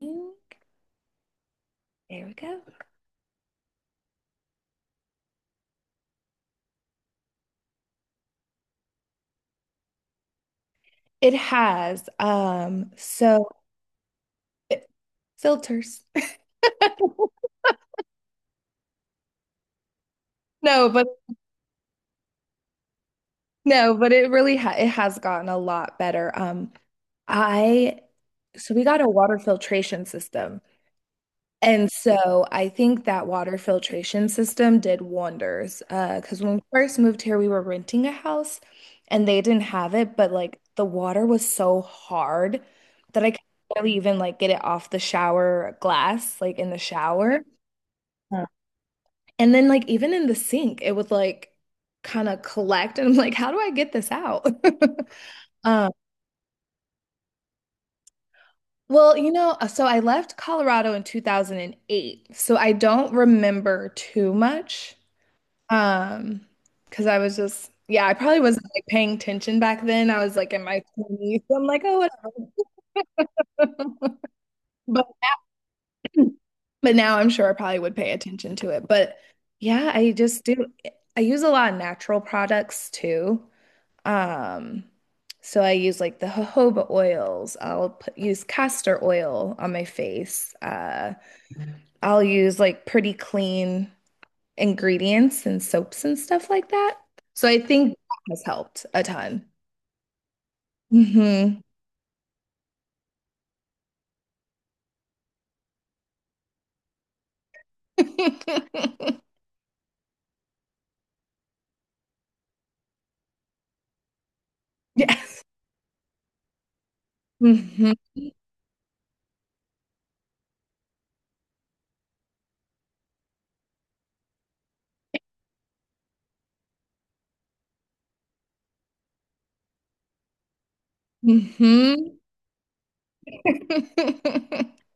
There we go. It has so it- Filters. No, but no, but it really ha it has gotten a lot better. I So we got a water filtration system. And so I think that water filtration system did wonders. Because when we first moved here, we were renting a house and they didn't have it, but like the water was so hard that I could barely even like get it off the shower glass, like in the shower. Yeah. And then like even in the sink, it would like kind of collect and I'm like, how do I get this out? Um, well, so I left Colorado in 2008. So I don't remember too much. Um, because I was just, yeah, I probably wasn't like paying attention back then. I was like in my 20s. I'm like, oh, whatever. But but now I'm sure I probably would pay attention to it. But yeah, I just do I use a lot of natural products too. Um, so I use like the jojoba oils. I'll use castor oil on my face. I'll use like pretty clean ingredients and soaps and stuff like that. So I think that has helped a ton. hmm Yes. hmm hmm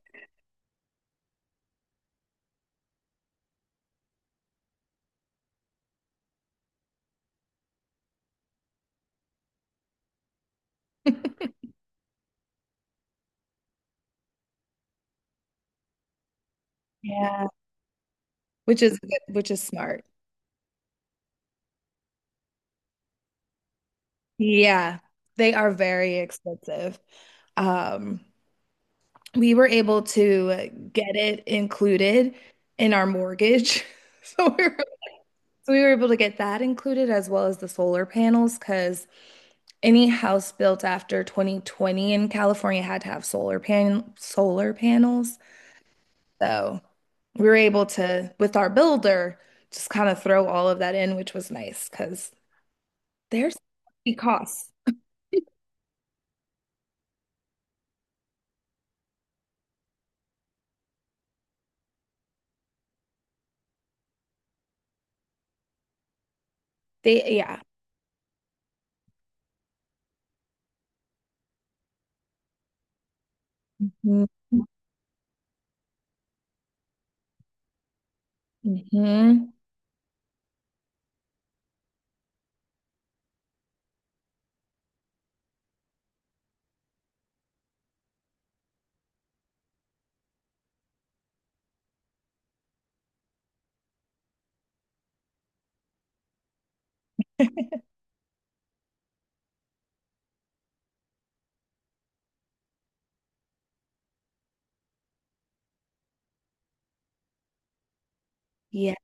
Yeah. Which is good, which is smart. Yeah. They are very expensive. Um, We were able to get it included in our mortgage. So we were, so we were able to get that included as well as the solar panels because any house built after 2020 in California had to have solar panels. So we were able to, with our builder, just kind of throw all of that in, which was nice because there's hefty costs. They, yeah. Mhm. Mhm. Yeah.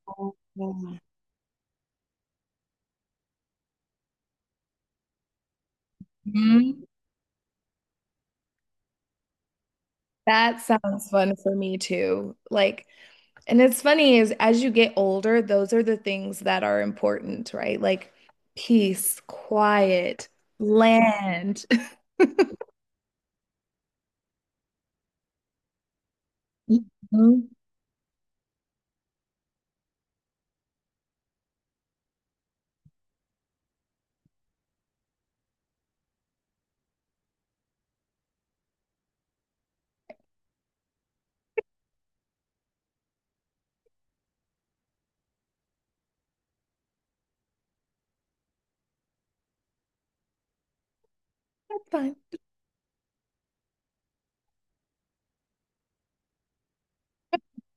Mhm. That sounds fun for me too. Like, and it's funny is as you get older, those are the things that are important, right? Like peace, quiet, land. Mhm. Fun.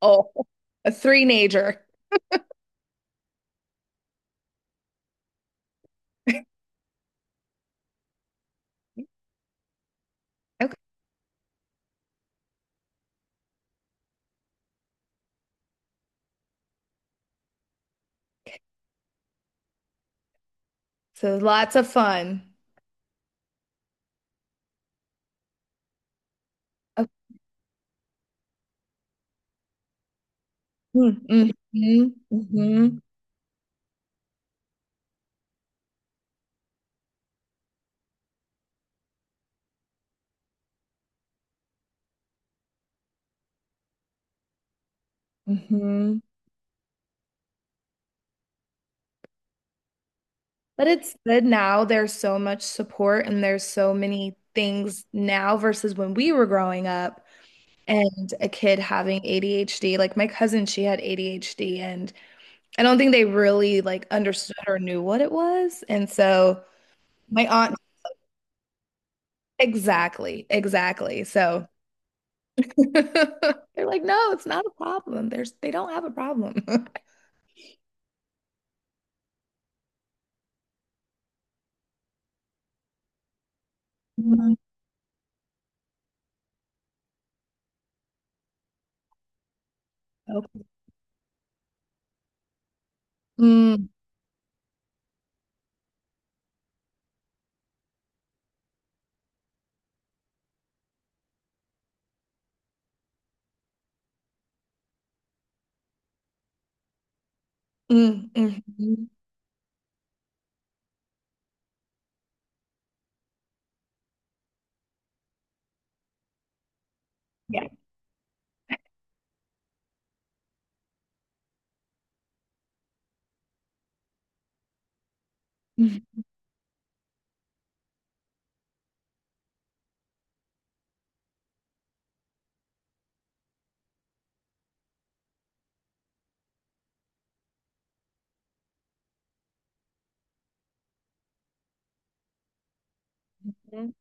Oh, a three-nager. Okay. So lots of fun. Mm-hmm. Hmm But it's good now. There's so much support and there's so many things now versus when we were growing up and a kid having ADHD. Like my cousin, she had ADHD and I don't think they really like understood or knew what it was. And so my aunt, exactly, exactly. So they're like, no, it's not a problem. There's They don't have a problem. Mm, okay. Mm, mm, mhm. Yeah. Mhm.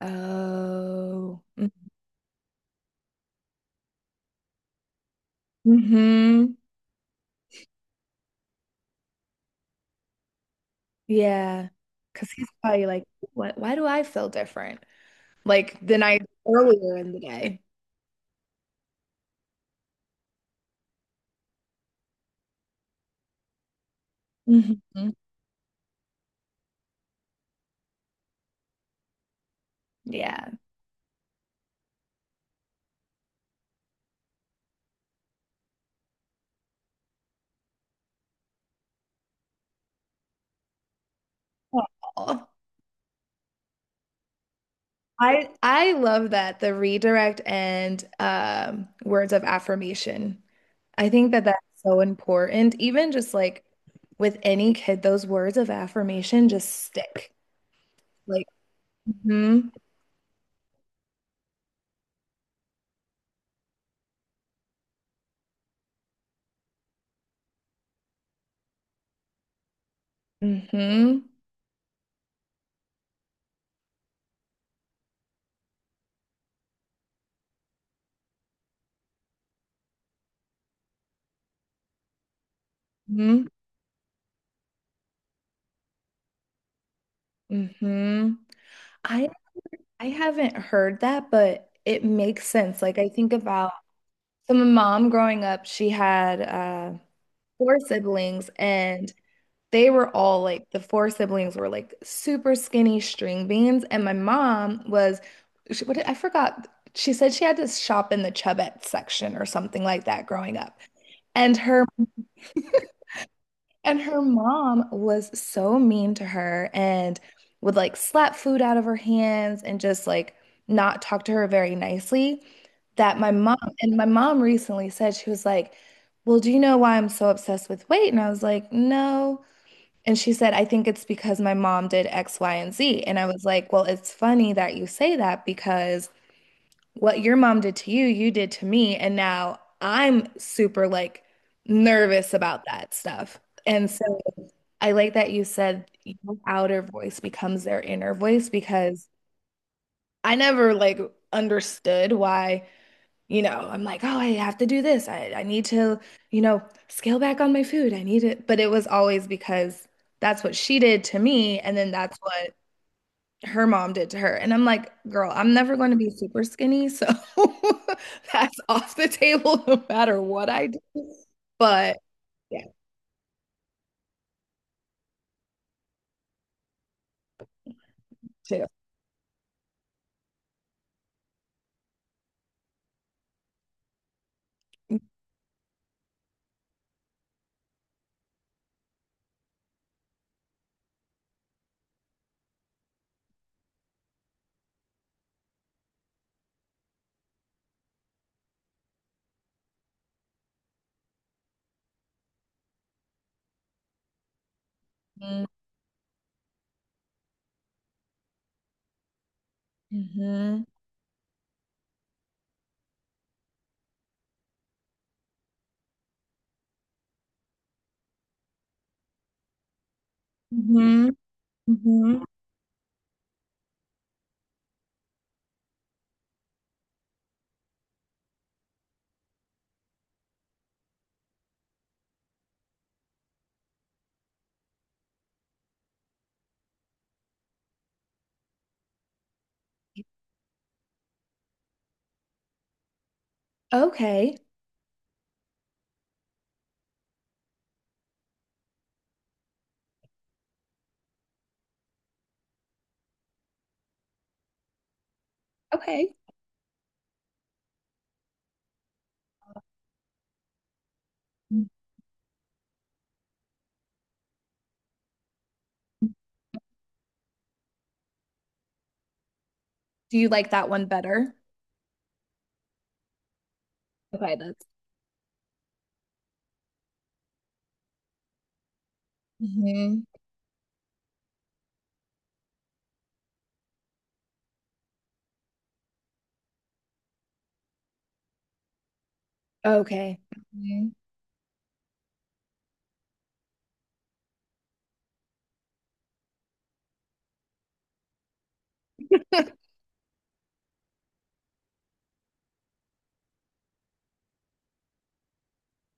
Oh, mm-hmm. Yeah. Because he's probably like, what, why do I feel different? Like than I earlier in the day. hmm Yeah. Aw. I love that, the redirect and words of affirmation. I think that that's so important. Even just like with any kid, those words of affirmation just stick. Like, mm-hmm, mm-hmm, mm-hmm, mm-hmm. I I haven't heard that, but it makes sense. Like I think about so my mom growing up, she had four siblings and they were all like, the four siblings were like super skinny string beans, and my mom was I forgot. She said she had to shop in the Chubette section or something like that growing up. And her and her mom was so mean to her and would like slap food out of her hands and just like not talk to her very nicely that my mom recently said, she was like, "Well, do you know why I'm so obsessed with weight?" And I was like, "No." And she said, I think it's because my mom did X, Y, and Z. And I was like, well, it's funny that you say that because what your mom did to you, you did to me. And now I'm super like nervous about that stuff. And so I like that you said your outer voice becomes their inner voice because I never like understood why, you know, I'm like, oh, I have to do this. I need to, you know, scale back on my food. I need it. But it was always because that's what she did to me. And then that's what her mom did to her. And I'm like, girl, I'm never going to be super skinny. So that's off the table no matter what I do. But yeah, too. Mm-hmm. hmm hmm Okay. Okay. Do you like that one better? Okay, that's. hmm Okay. Mhm.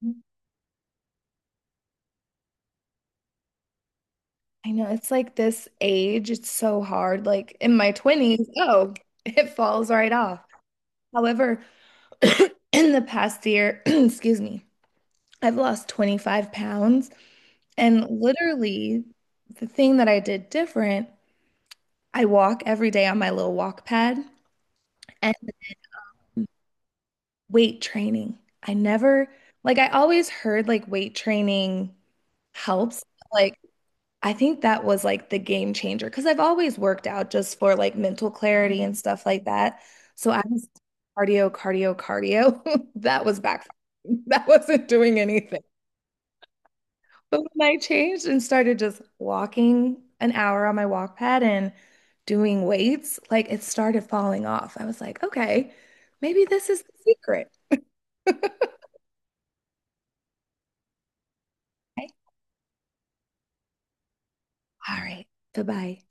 I know, it's like this age, it's so hard. Like in my 20s, oh, it falls right off. However, in the past year, excuse me, I've lost 25 pounds. And literally, the thing that I did different, I walk every day on my little walk pad and weight training. I never, like, I always heard like weight training helps. Like, I think that was like the game changer because I've always worked out just for like mental clarity and stuff like that. So I was cardio, cardio, cardio. That was backfiring. That wasn't doing anything. But when I changed and started just walking an hour on my walk pad and doing weights, like it started falling off. I was like, okay, maybe this is the secret. Okay. All right. Goodbye.